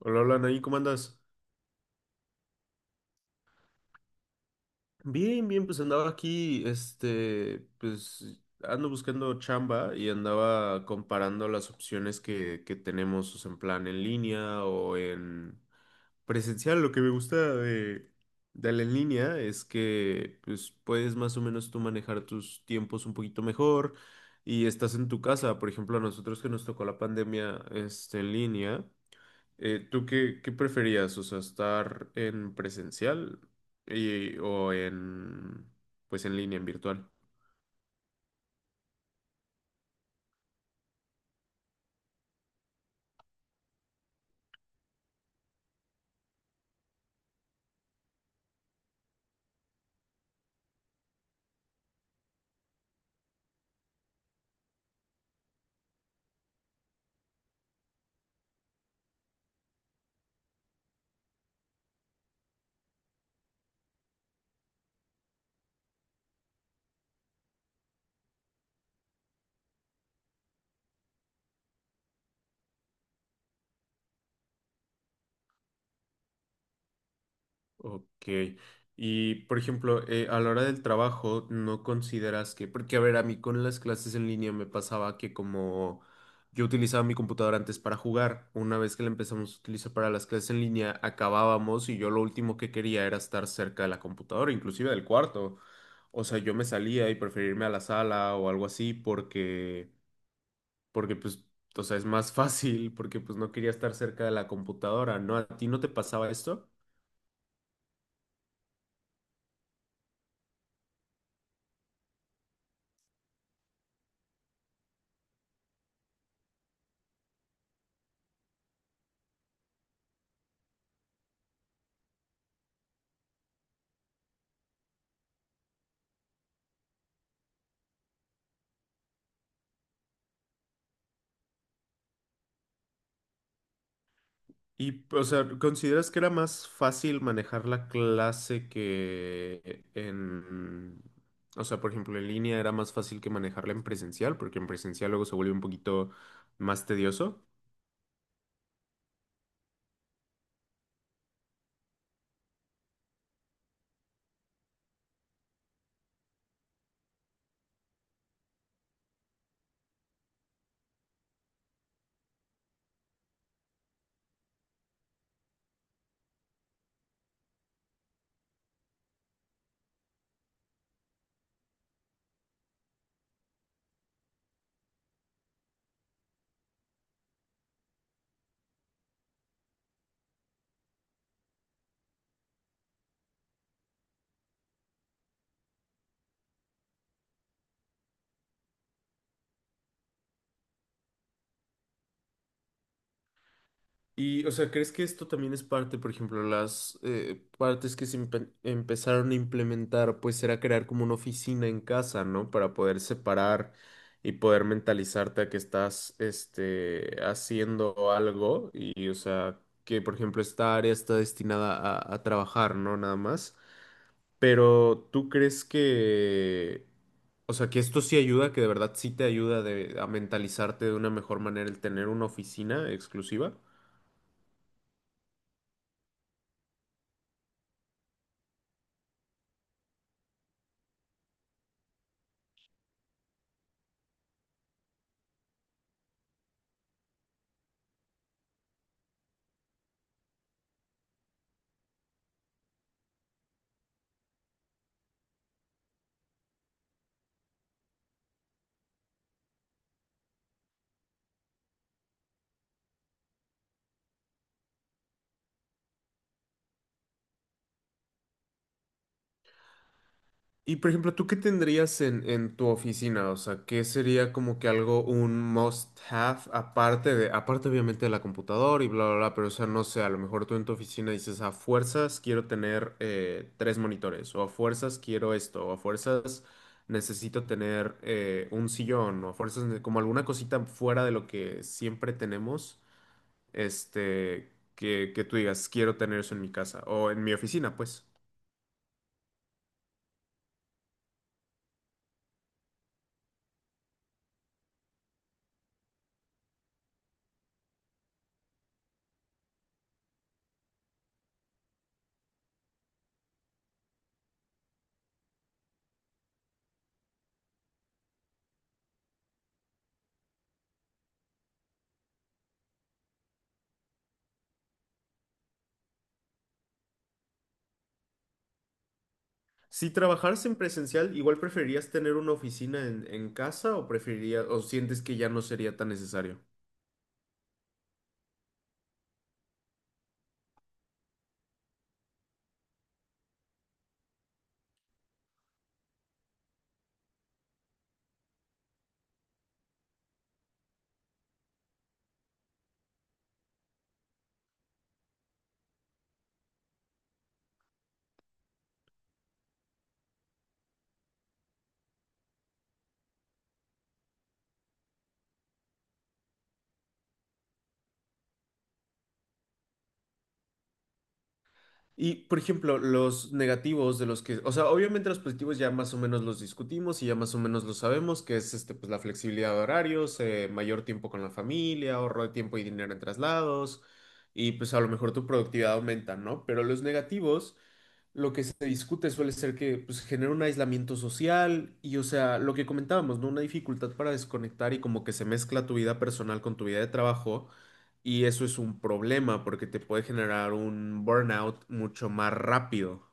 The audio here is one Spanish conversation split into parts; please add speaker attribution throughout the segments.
Speaker 1: Hola, hola, Nain, ¿cómo andas? Bien, bien, pues andaba aquí, pues ando buscando chamba y andaba comparando las opciones que tenemos, o sea, en plan en línea o en presencial. Lo que me gusta de la en línea es que, pues, puedes más o menos tú manejar tus tiempos un poquito mejor y estás en tu casa. Por ejemplo, a nosotros que nos tocó la pandemia, este, en línea. ¿ qué preferías? O sea, estar en presencial o pues en línea, en virtual. Ok. Y, por ejemplo, a la hora del trabajo, ¿no consideras que, porque, a ver, a mí con las clases en línea me pasaba que como yo utilizaba mi computadora antes para jugar, una vez que la empezamos a utilizar para las clases en línea, acabábamos y yo lo último que quería era estar cerca de la computadora, inclusive del cuarto? O sea, yo me salía y preferirme a la sala o algo así porque pues, o sea, es más fácil porque pues no quería estar cerca de la computadora, ¿no? ¿A ti no te pasaba esto? Y, o sea, ¿consideras que era más fácil manejar la clase que en... O sea, por ejemplo, en línea era más fácil que manejarla en presencial, porque en presencial luego se vuelve un poquito más tedioso? Y, o sea, ¿crees que esto también es parte, por ejemplo, las partes que se empezaron a implementar, pues era crear como una oficina en casa, ¿no? Para poder separar y poder mentalizarte a que estás, este, haciendo algo y, o sea, que, por ejemplo, esta área está destinada a trabajar, ¿no? Nada más. Pero, ¿tú crees que, o sea, que esto sí ayuda, que de verdad sí te ayuda a mentalizarte de una mejor manera el tener una oficina exclusiva? Y por ejemplo, ¿tú qué tendrías en tu oficina? O sea, ¿qué sería como que algo, un must have, aparte obviamente de la computadora y bla, bla, bla, pero o sea, no sé, a lo mejor tú en tu oficina dices, a fuerzas quiero tener tres monitores, o a fuerzas quiero esto, o a fuerzas necesito tener un sillón, o a fuerzas como alguna cosita fuera de lo que siempre tenemos, este, que tú digas, quiero tener eso en mi casa, o en mi oficina, pues. Si trabajaras en presencial, ¿igual preferirías tener una oficina en casa o preferirías, o sientes que ya no sería tan necesario? Y, por ejemplo, los negativos de los que, o sea, obviamente los positivos ya más o menos los discutimos y ya más o menos lo sabemos, que es este, pues la flexibilidad de horarios, mayor tiempo con la familia, ahorro de tiempo y dinero en traslados, y pues a lo mejor tu productividad aumenta, ¿no? Pero los negativos, lo que se discute suele ser que pues genera un aislamiento social y, o sea, lo que comentábamos, ¿no? Una dificultad para desconectar y como que se mezcla tu vida personal con tu vida de trabajo. Y eso es un problema porque te puede generar un burnout mucho más rápido.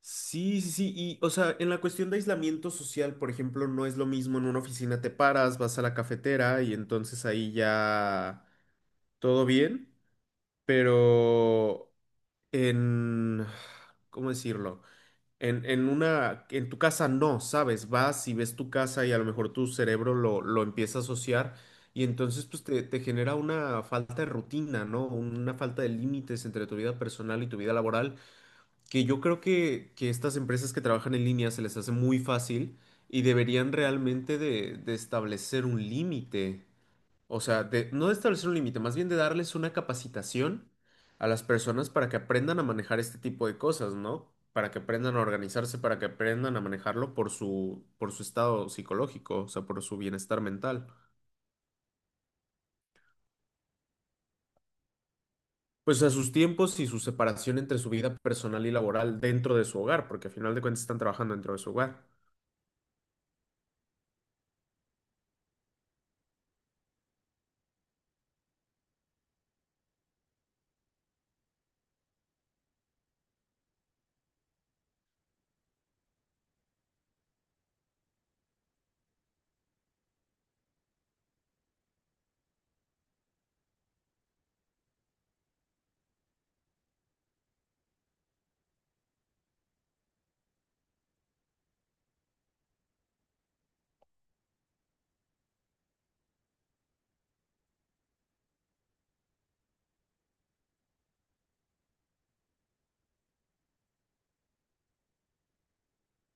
Speaker 1: Sí, sí, sí. Y, o sea, en la cuestión de aislamiento social, por ejemplo, no es lo mismo en una oficina te paras, vas a la cafetera y entonces ahí ya todo bien, pero en... ¿Cómo decirlo? En tu casa no, ¿sabes? Vas y ves tu casa y a lo mejor tu cerebro lo empieza a asociar y entonces pues te genera una falta de rutina, ¿no? Una falta de límites entre tu vida personal y tu vida laboral, que yo creo que estas empresas que trabajan en línea se les hace muy fácil y deberían realmente de establecer un límite. O sea, de no de establecer un límite, más bien de darles una capacitación a las personas para que aprendan a manejar este tipo de cosas, ¿no? Para que aprendan a organizarse, para que aprendan a manejarlo por su estado psicológico, o sea, por su bienestar mental. Pues a sus tiempos y su separación entre su vida personal y laboral dentro de su hogar, porque al final de cuentas están trabajando dentro de su hogar.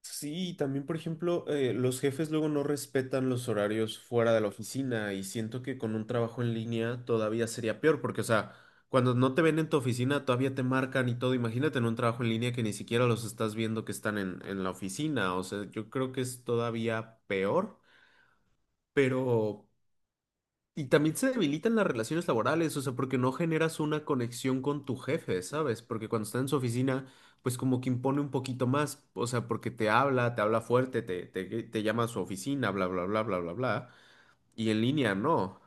Speaker 1: Sí, también, por ejemplo, los jefes luego no respetan los horarios fuera de la oficina y siento que con un trabajo en línea todavía sería peor, porque, o sea, cuando no te ven en tu oficina todavía te marcan y todo. Imagínate en un trabajo en línea que ni siquiera los estás viendo que están en la oficina. O sea, yo creo que es todavía peor, pero y también se debilitan las relaciones laborales, o sea, porque no generas una conexión con tu jefe, ¿sabes? Porque cuando está en su oficina, pues como que impone un poquito más, o sea, porque te habla fuerte, te llama a su oficina, bla, bla, bla, bla, bla, bla. Y en línea, no.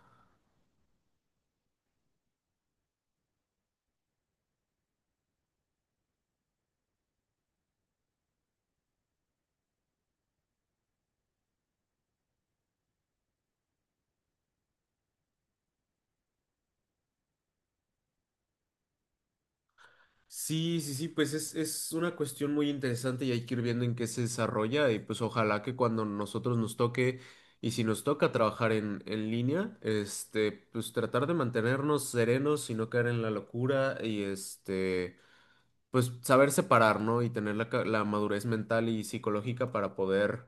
Speaker 1: Sí, sí, sí, pues es una cuestión muy interesante y hay que ir viendo en qué se desarrolla y pues ojalá que cuando nosotros nos toque y si nos toca trabajar en línea, este, pues tratar de mantenernos serenos y no caer en la locura y este... pues saber separar, ¿no? Y tener la, la madurez mental y psicológica para poder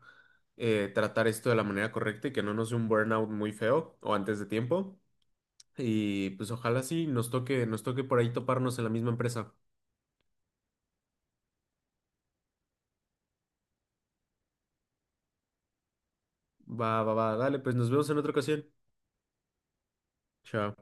Speaker 1: tratar esto de la manera correcta y que no nos dé un burnout muy feo o antes de tiempo. Y pues ojalá sí nos toque por ahí toparnos en la misma empresa. Va, va, va, dale, pues nos vemos en otra ocasión. Chao.